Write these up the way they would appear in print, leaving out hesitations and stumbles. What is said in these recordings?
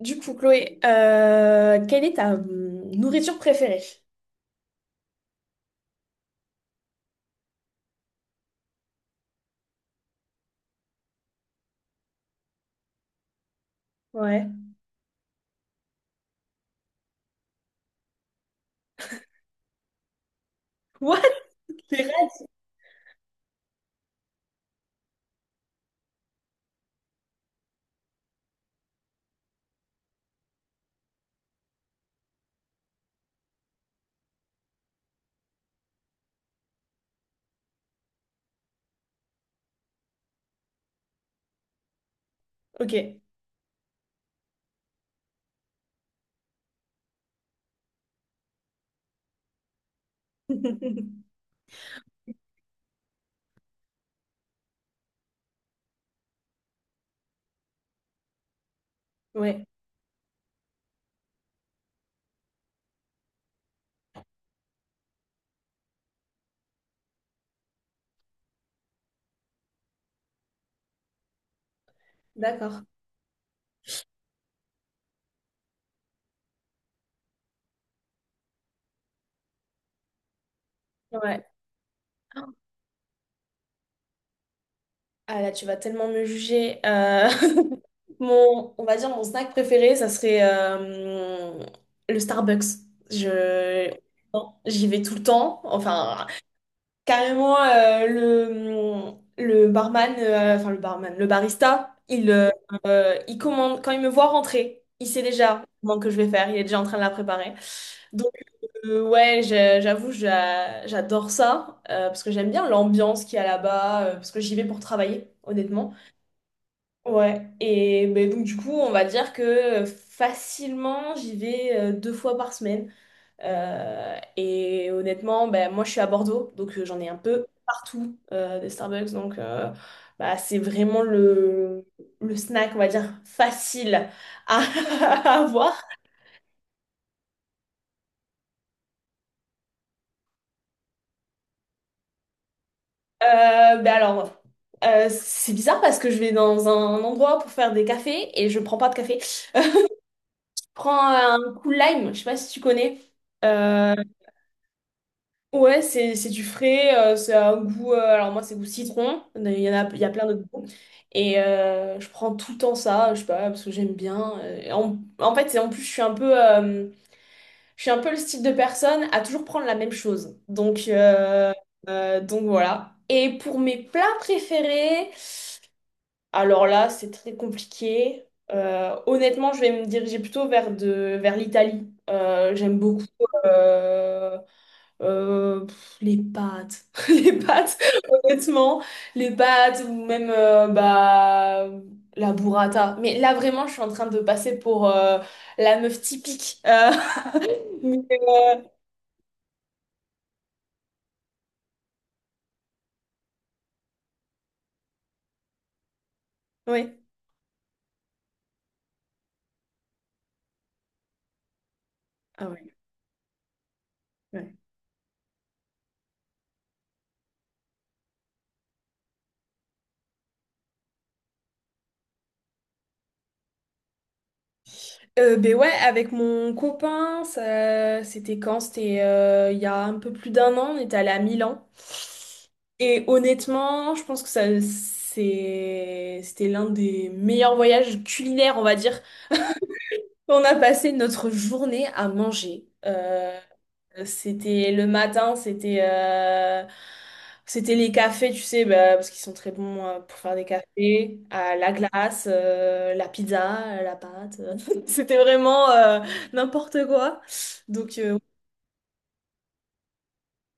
Du coup, Chloé, quelle est ta nourriture préférée? Ouais. What? Les rêves? Ok. Ouais. D'accord. Ouais. Ah là, tu vas tellement me juger. On va dire mon snack préféré, ça serait le Starbucks. Je, j'y vais tout le temps. Enfin, carrément, le barman, enfin le barman, le barista, il commande, quand il me voit rentrer, il sait déjà le commande que je vais faire, il est déjà en train de la préparer. Donc, ouais, j'avoue, j'adore ça, parce que j'aime bien l'ambiance qu'il y a là-bas, parce que j'y vais pour travailler, honnêtement. Ouais, et ben, donc du coup, on va dire que facilement, j'y vais deux fois par semaine. Et honnêtement, ben, moi je suis à Bordeaux, donc j'en ai un peu partout des Starbucks. Donc bah, c'est vraiment le, snack, on va dire, facile à, à avoir. Ben alors, c'est bizarre parce que je vais dans un endroit pour faire des cafés et je prends pas de café. Je prends un cool lime, je sais pas si tu connais. Euh, Ouais, c'est du frais, c'est un goût. Alors, moi, c'est goût citron. Il y a plein d'autres goûts. Et je prends tout le temps ça, je sais pas, parce que j'aime bien. Et en fait, c'est en plus, je suis un peu, je suis un peu le style de personne à toujours prendre la même chose. Donc, voilà. Et pour mes plats préférés. Alors là, c'est très compliqué. Honnêtement, je vais me diriger plutôt vers, vers l'Italie. J'aime beaucoup euh, les pâtes. Les pâtes, honnêtement. Les pâtes ou même bah, la burrata. Mais là, vraiment, je suis en train de passer pour la meuf typique. Mais, ouais. Ah ouais. Ouais. Ben ouais, avec mon copain, ça, c'était quand? C'était il y a un peu plus d'un an, on était allé à Milan. Et honnêtement, je pense que ça, c'était l'un des meilleurs voyages culinaires, on va dire, on a passé notre journée à manger. C'était le matin, c'était les cafés, tu sais, bah, parce qu'ils sont très bons pour faire des cafés, à la glace, la pizza, la pâte. C'était vraiment n'importe quoi. Donc,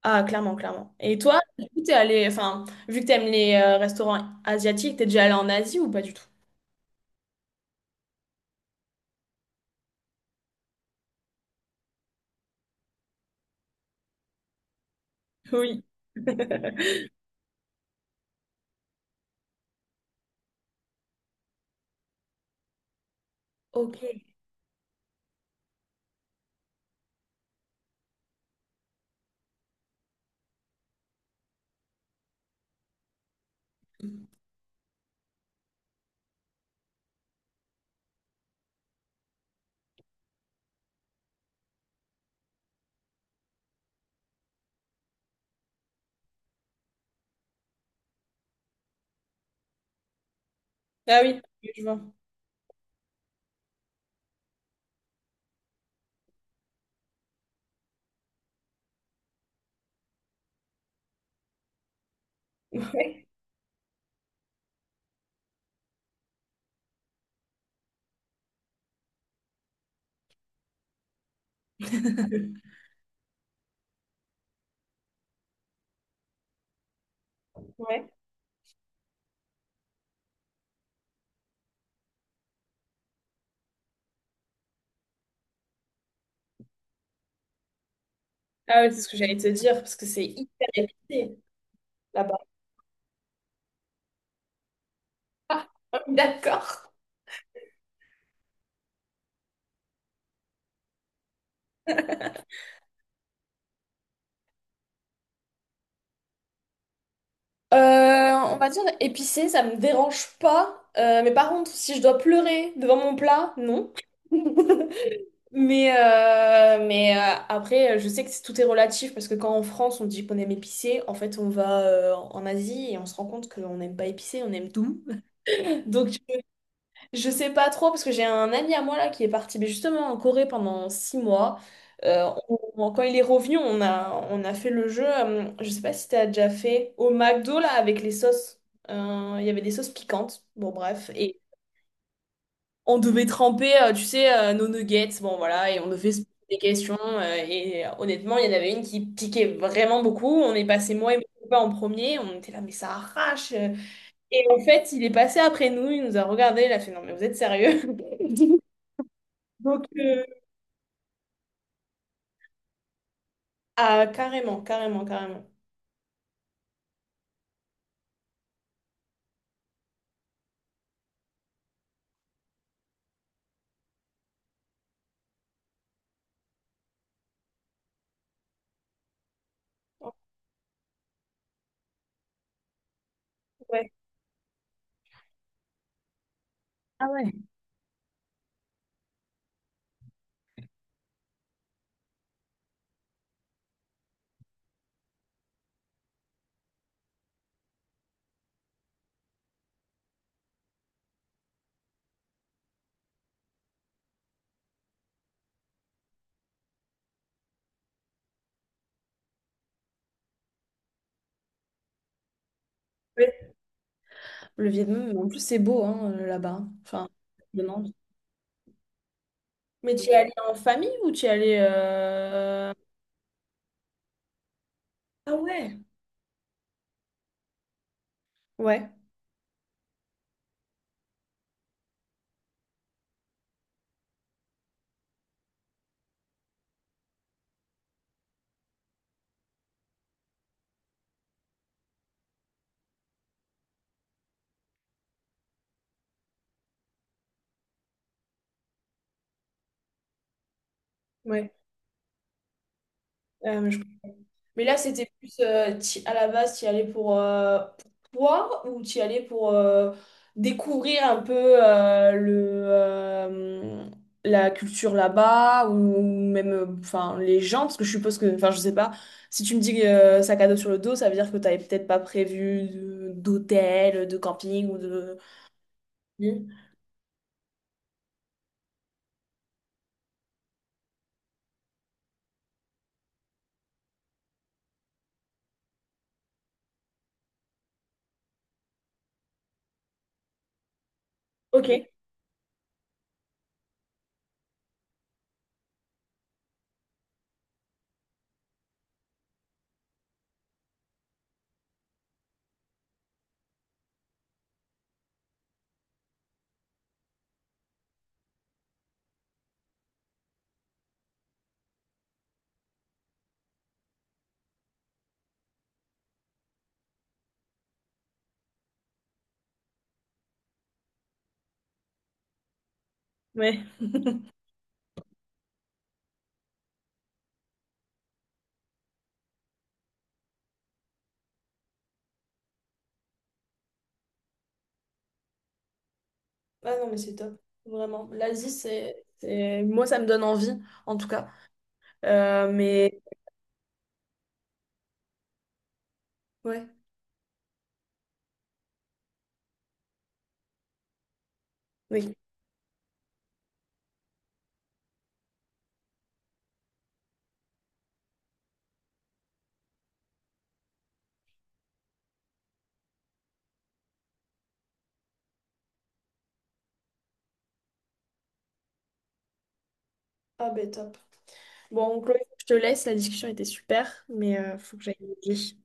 ah, clairement, clairement. Et toi, du coup, t'es allé, enfin, vu que t'aimes les restaurants asiatiques, t'es déjà allé en Asie ou pas du tout? Oui. Ok. Ah oui, je vois. Ouais. Ouais. Ah ouais, c'est ce que j'allais te dire, parce que c'est hyper épicé là-bas. D'accord. On va dire épicé, ça me dérange pas. Mais par contre, si je dois pleurer devant mon plat, non. Mais, après, je sais que tout est relatif parce que quand en France on dit qu'on aime épicé, en fait on va en Asie et on se rend compte qu'on n'aime pas épicé, on aime tout. Donc je sais pas trop parce que j'ai un ami à moi là qui est parti mais justement en Corée pendant six mois. Quand il est revenu, on a fait le jeu. Je sais pas si t'as déjà fait au McDo là avec les sauces. Il y avait des sauces piquantes. Bon bref et on devait tremper, tu sais, nos nuggets. Bon voilà et on devait se poser des questions et honnêtement il y en avait une qui piquait vraiment beaucoup. On est passé moi et mon copain en premier. On était là mais ça arrache. Et en fait il est passé après nous, il nous a regardé, il a fait non mais vous êtes sérieux? Donc, ah, carrément, carrément, carrément. Ouais. Ah ouais. Ouais. Le Vietnam, en plus, c'est beau hein, là-bas. Enfin, ça donne envie. Mais tu y es allé en famille ou tu y es allé... Ah ouais. Ouais. Ouais. Euh, je- Mais là, c'était plus à la base, tu y allais pour toi ou tu y allais pour découvrir un peu euh, le, euh, la culture là-bas ou même enfin, les gens, parce que je suppose que, enfin, je sais pas, si tu me dis sac à dos sur le dos, ça veut dire que tu n'avais peut-être pas prévu d'hôtel, de camping ou de... Oui. Ok, ouais. Ah non, mais c'est top, vraiment. L'Asie, moi, ça me donne envie, en tout cas. Mais. Ouais. Oui. Ah ben top. Bon, Chloé, je te laisse, la discussion était super, mais faut que j'aille manger.